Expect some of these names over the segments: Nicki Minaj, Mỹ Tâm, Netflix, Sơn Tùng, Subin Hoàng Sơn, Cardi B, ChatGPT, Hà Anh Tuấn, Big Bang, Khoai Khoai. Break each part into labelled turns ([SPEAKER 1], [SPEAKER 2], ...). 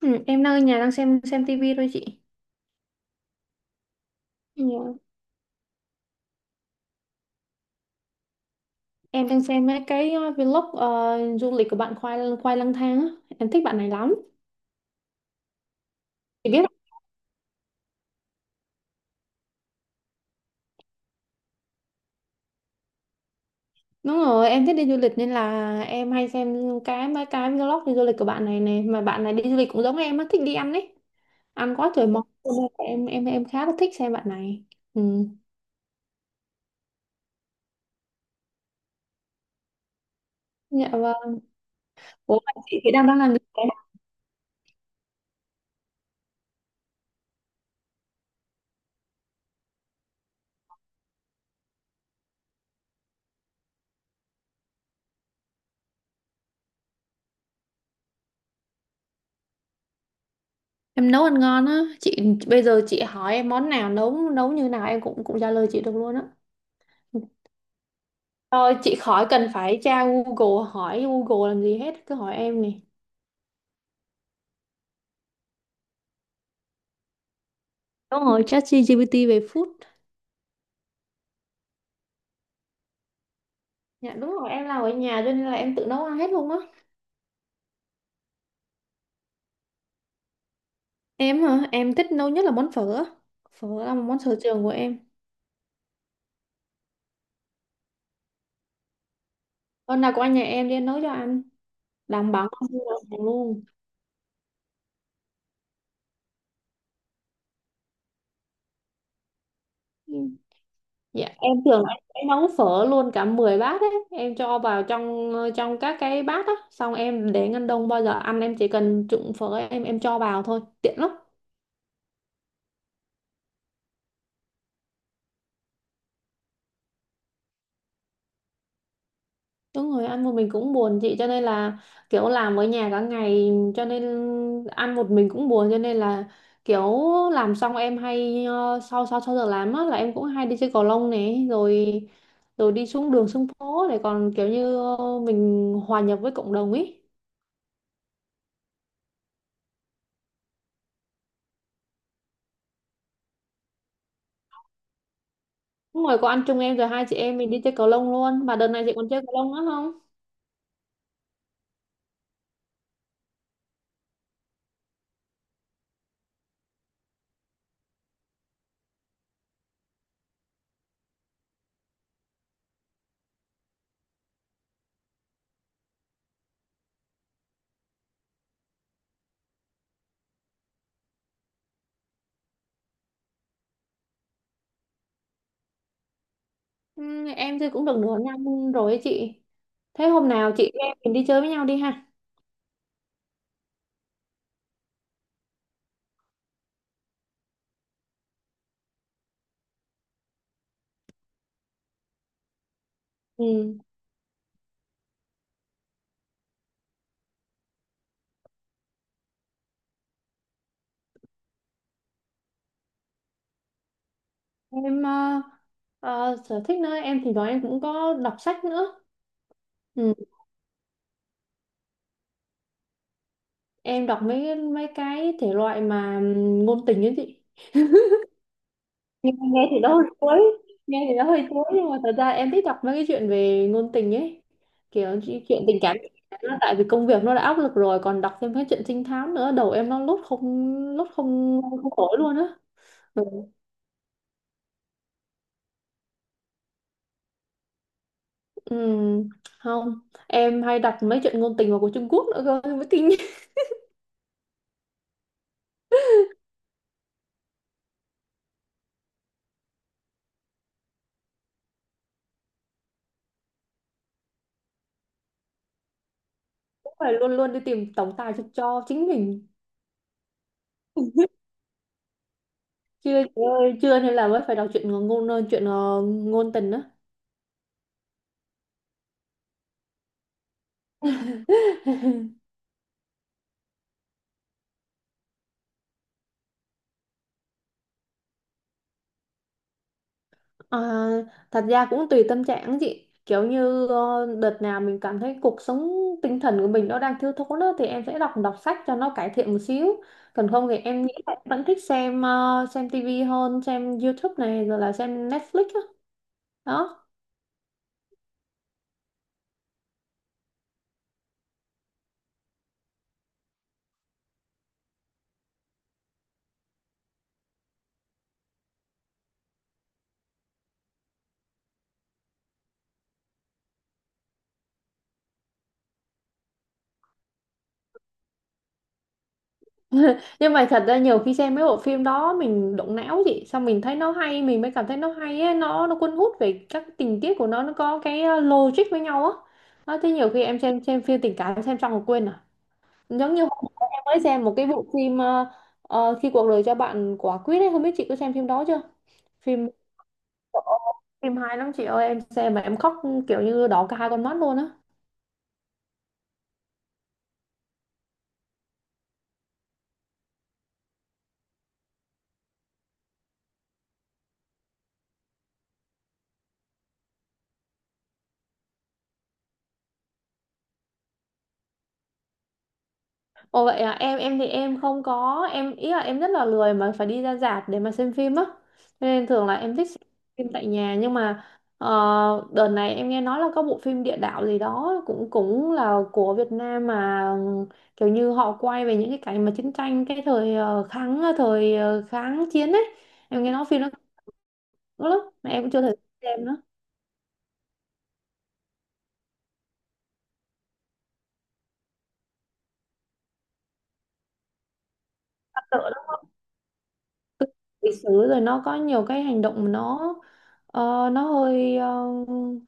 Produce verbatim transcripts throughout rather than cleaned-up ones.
[SPEAKER 1] Ừ, em đang ở nhà đang xem xem tivi thôi chị. Dạ. Em đang xem mấy cái uh, vlog uh, du lịch của bạn Khoai Khoai lang thang á. Em thích bạn này lắm. Chị biết không? Đúng rồi, em thích đi du lịch nên là em hay xem cái mấy cái vlog đi du lịch của bạn này này mà bạn này đi du lịch cũng giống em á, thích đi ăn ấy. Ăn quá trời món. Cho nên là em em em khá là thích xem bạn này. Ừ. Dạ vâng. Ủa mà chị thì đang đang làm gì nào? Em nấu ăn ngon á. Chị, bây giờ chị hỏi em món nào nấu nấu như nào em cũng cũng trả lời chị được luôn á. Thôi chị khỏi cần phải tra Google, hỏi Google làm gì hết, cứ hỏi em nè. Đúng rồi, ChatGPT về food. Dạ đúng rồi, em làm ở nhà cho nên là em tự nấu ăn hết luôn á. Em hả? Em thích nấu nhất là món phở á. Phở là một món sở trường của em. Hôm nào qua nhà em đi, em nấu cho anh. Đảm bảo không mua đồng hàng luôn. Ừ. Dạ em tưởng là em sẽ nấu phở luôn cả mười bát ấy. Em cho vào trong trong các cái bát á. Xong em để ngăn đông, bao giờ ăn em chỉ cần trụng phở, em em cho vào thôi. Tiện lắm. Đúng rồi, ăn một mình cũng buồn chị, cho nên là kiểu làm ở nhà cả ngày, cho nên ăn một mình cũng buồn, cho nên là kiểu làm xong em hay ờ, sau sau sau giờ làm á là em cũng hay đi chơi cầu lông này rồi rồi đi xuống đường xuống phố để còn kiểu như ờ, mình hòa nhập với cộng đồng ấy. Đúng rồi, có anh chung em rồi, hai chị em mình đi chơi cầu lông luôn. Mà đợt này chị còn chơi cầu lông nữa không? Ừ, em chơi cũng được nửa năm rồi ấy chị. Thế hôm nào chị em mình đi chơi với nhau đi ha. Ừ. Em ờ, ờ, sở thích nữa em thì nói em cũng có đọc sách nữa. Ừ, em đọc mấy mấy cái thể loại mà ừm, ngôn tình ấy chị. Nghe, nghe thì nó hơi chuối. Nghe thì nó hơi chuối nhưng mà thật ra em thích đọc mấy cái chuyện về ngôn tình ấy, kiểu chi- chuyện tình cảm. Nó tại vì công việc nó đã áp lực rồi còn đọc thêm cái chuyện trinh thám nữa, đầu em nó lốt không lốt không không khỏi luôn á. Ừ. Ừm, không. Em hay đọc mấy chuyện ngôn tình mà của Trung Quốc nữa cơ mới kinh. Phải luôn luôn đi tìm tổng tài cho, cho chính mình. Chưa chị ơi, chưa, nên là mới phải đọc chuyện ngôn chuyện ờ, ngôn tình đó. À, thật ra cũng tùy tâm trạng á chị, kiểu như ờ, đợt nào mình cảm thấy cuộc sống tinh thần của mình nó đang thiếu thốn á, thì em sẽ đọc đọc sách cho nó cải thiện một xíu. Còn không thì em nghĩ là em vẫn thích xem ờ, xem tivi hơn, xem YouTube này rồi là xem Netflix á. Đó. Nhưng mà thật ra nhiều khi xem mấy bộ phim đó mình động não chị, xong mình thấy nó hay, mình mới cảm thấy nó hay á, nó nó cuốn hút về các tình tiết của nó nó có cái ờ, logic với nhau á. Đó, thế nhiều khi em xem xem phim tình cảm xem xong rồi quên à. Giống như hôm bữa em mới xem một cái bộ phim ờ, ờ, khi cuộc đời cho bạn quả quýt ấy, không biết chị có xem phim đó chưa. Phim phim hay lắm chị ơi, em xem mà em khóc, kiểu như đỏ cả hai con mắt luôn á. Ồ vậy à, em em thì em không có em ý là em rất là lười mà phải đi ra rạp để mà xem phim á. Cho nên thường là em thích xem phim tại nhà nhưng mà ờ, đợt này em nghe nói là có bộ phim địa đạo gì đó cũng cũng là của Việt Nam, mà kiểu như họ quay về những cái cảnh mà chiến tranh, cái thời ờ, kháng thời ờ, kháng chiến ấy. Em nghe nói phim nó cũng lắm mà em cũng chưa thể xem nữa. Lịch sử rồi nó có nhiều cái hành động mà nó ờ, nó hơi ờ,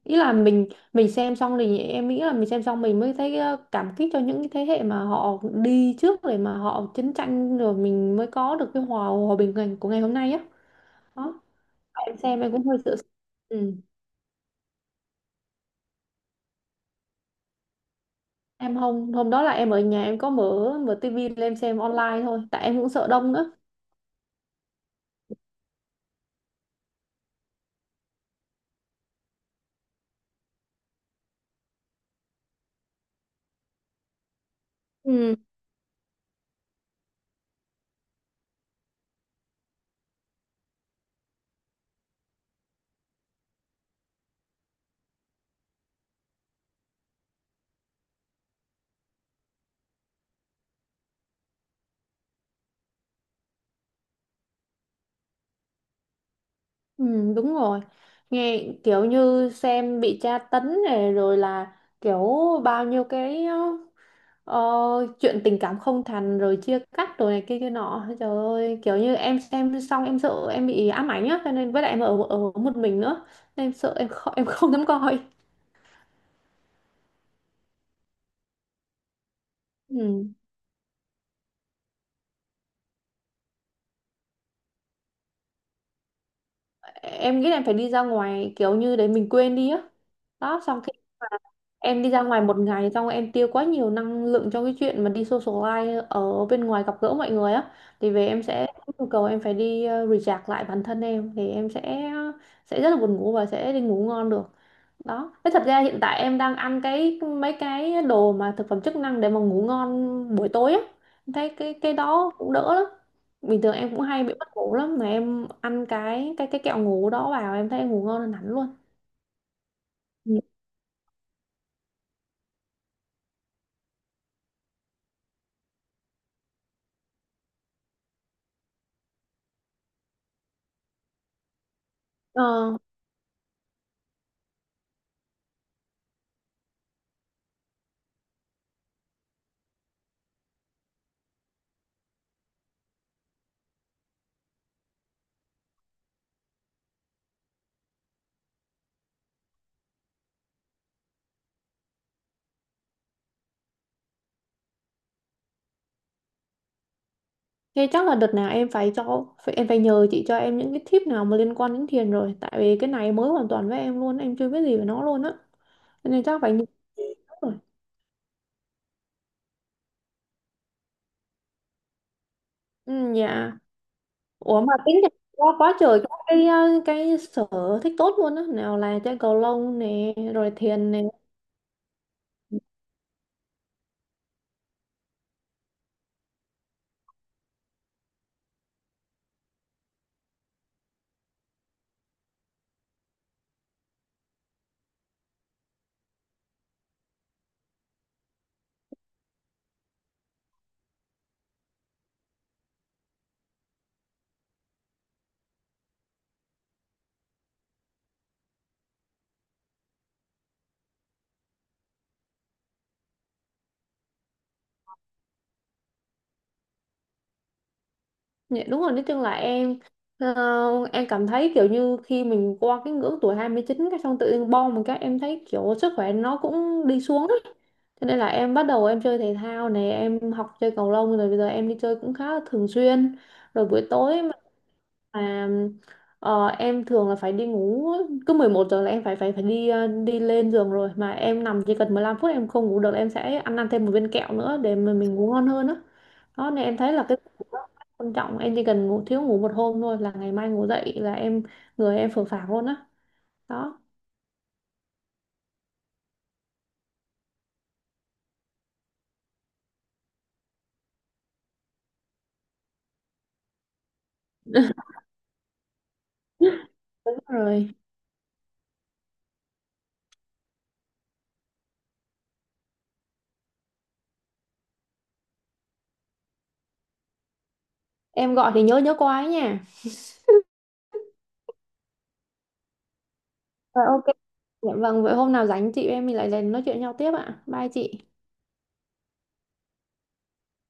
[SPEAKER 1] ý là mình mình xem xong, thì em nghĩ là mình xem xong mình mới thấy ờ, cảm kích cho những cái thế hệ mà họ đi trước, để mà họ chiến tranh rồi mình mới có được cái hòa hòa bình ngày- của ngày hôm nay á. Đó. Em xem em cũng hơi sợ. Ừ. Em hôm hôm đó là em ở nhà, em có mở mở tivi lên em xem online thôi, tại em cũng sợ đông nữa. Ừ, ừ, đúng rồi, nghe kiểu như xem bị tra tấn này, rồi là kiểu bao nhiêu cái ờ, chuyện tình cảm không thành rồi chia cắt rồi này kia kia nọ, trời ơi kiểu như em xem xong em sợ em bị ám ảnh á, cho nên với lại em ở ở một mình nữa nên em sợ em không em không dám coi. Ừ. Em nghĩ là em phải đi ra ngoài kiểu như để mình quên đi á. Đó, xong cái em đi ra ngoài một ngày, xong em tiêu quá nhiều năng lượng cho cái chuyện mà đi socialize ở bên ngoài gặp gỡ mọi người á, thì về em sẽ nhu cầu em phải đi ờ, recharge lại bản thân em, thì em sẽ sẽ rất là buồn ngủ và sẽ đi ngủ ngon được. Đó, thế thật ra hiện tại em đang ăn cái mấy cái đồ mà thực phẩm chức năng để mà ngủ ngon buổi tối á. Em thấy cái cái đó cũng đỡ lắm. Bình thường em cũng hay bị mất ngủ lắm mà em ăn cái cái cái kẹo ngủ đó vào em thấy em ngủ ngon hơn hẳn luôn. Ừ. Ờ, thế chắc là đợt nào em phải cho phải, em phải nhờ chị cho em những cái tip nào mà liên quan đến thiền, rồi tại vì cái này mới hoàn toàn với em luôn, em chưa biết gì về nó luôn á. Cho nên chắc phải nhờ. Rồi. Ừ, dạ. Ủa mà tính ra quá quá trời các cái ờ, cái sở thích tốt luôn á, nào là chơi cầu lông nè rồi thiền nè. Dạ, đúng rồi, nói chung là em ờ, em cảm thấy kiểu như khi mình qua cái ngưỡng tuổi hai mươi chín, cái xong tự nhiên bom một cái em thấy kiểu sức khỏe nó cũng đi xuống á. Cho nên là em bắt đầu em chơi thể thao này, em học chơi cầu lông rồi bây giờ em đi chơi cũng khá là thường xuyên. Rồi buổi tối mà mà, ờ, em thường là phải đi ngủ, cứ mười một giờ là em phải phải phải đi, ờ, đi lên giường rồi, mà em nằm chỉ cần mười lăm phút em không ngủ được là em sẽ ăn ăn thêm một viên kẹo nữa để mà mình ngủ ngon hơn á. Đó nên em thấy là cái giấc ngủ rất quan trọng, em chỉ cần ngủ thiếu ngủ một hôm thôi là ngày mai ngủ dậy là em, người em phờ phạc luôn á. Đó. Đúng rồi. Em gọi thì nhớ nhớ qua ấy nha. Rồi. Dạ vâng, vậy hôm nào rảnh chị em mình lại lên nói chuyện nhau tiếp ạ. Bye chị.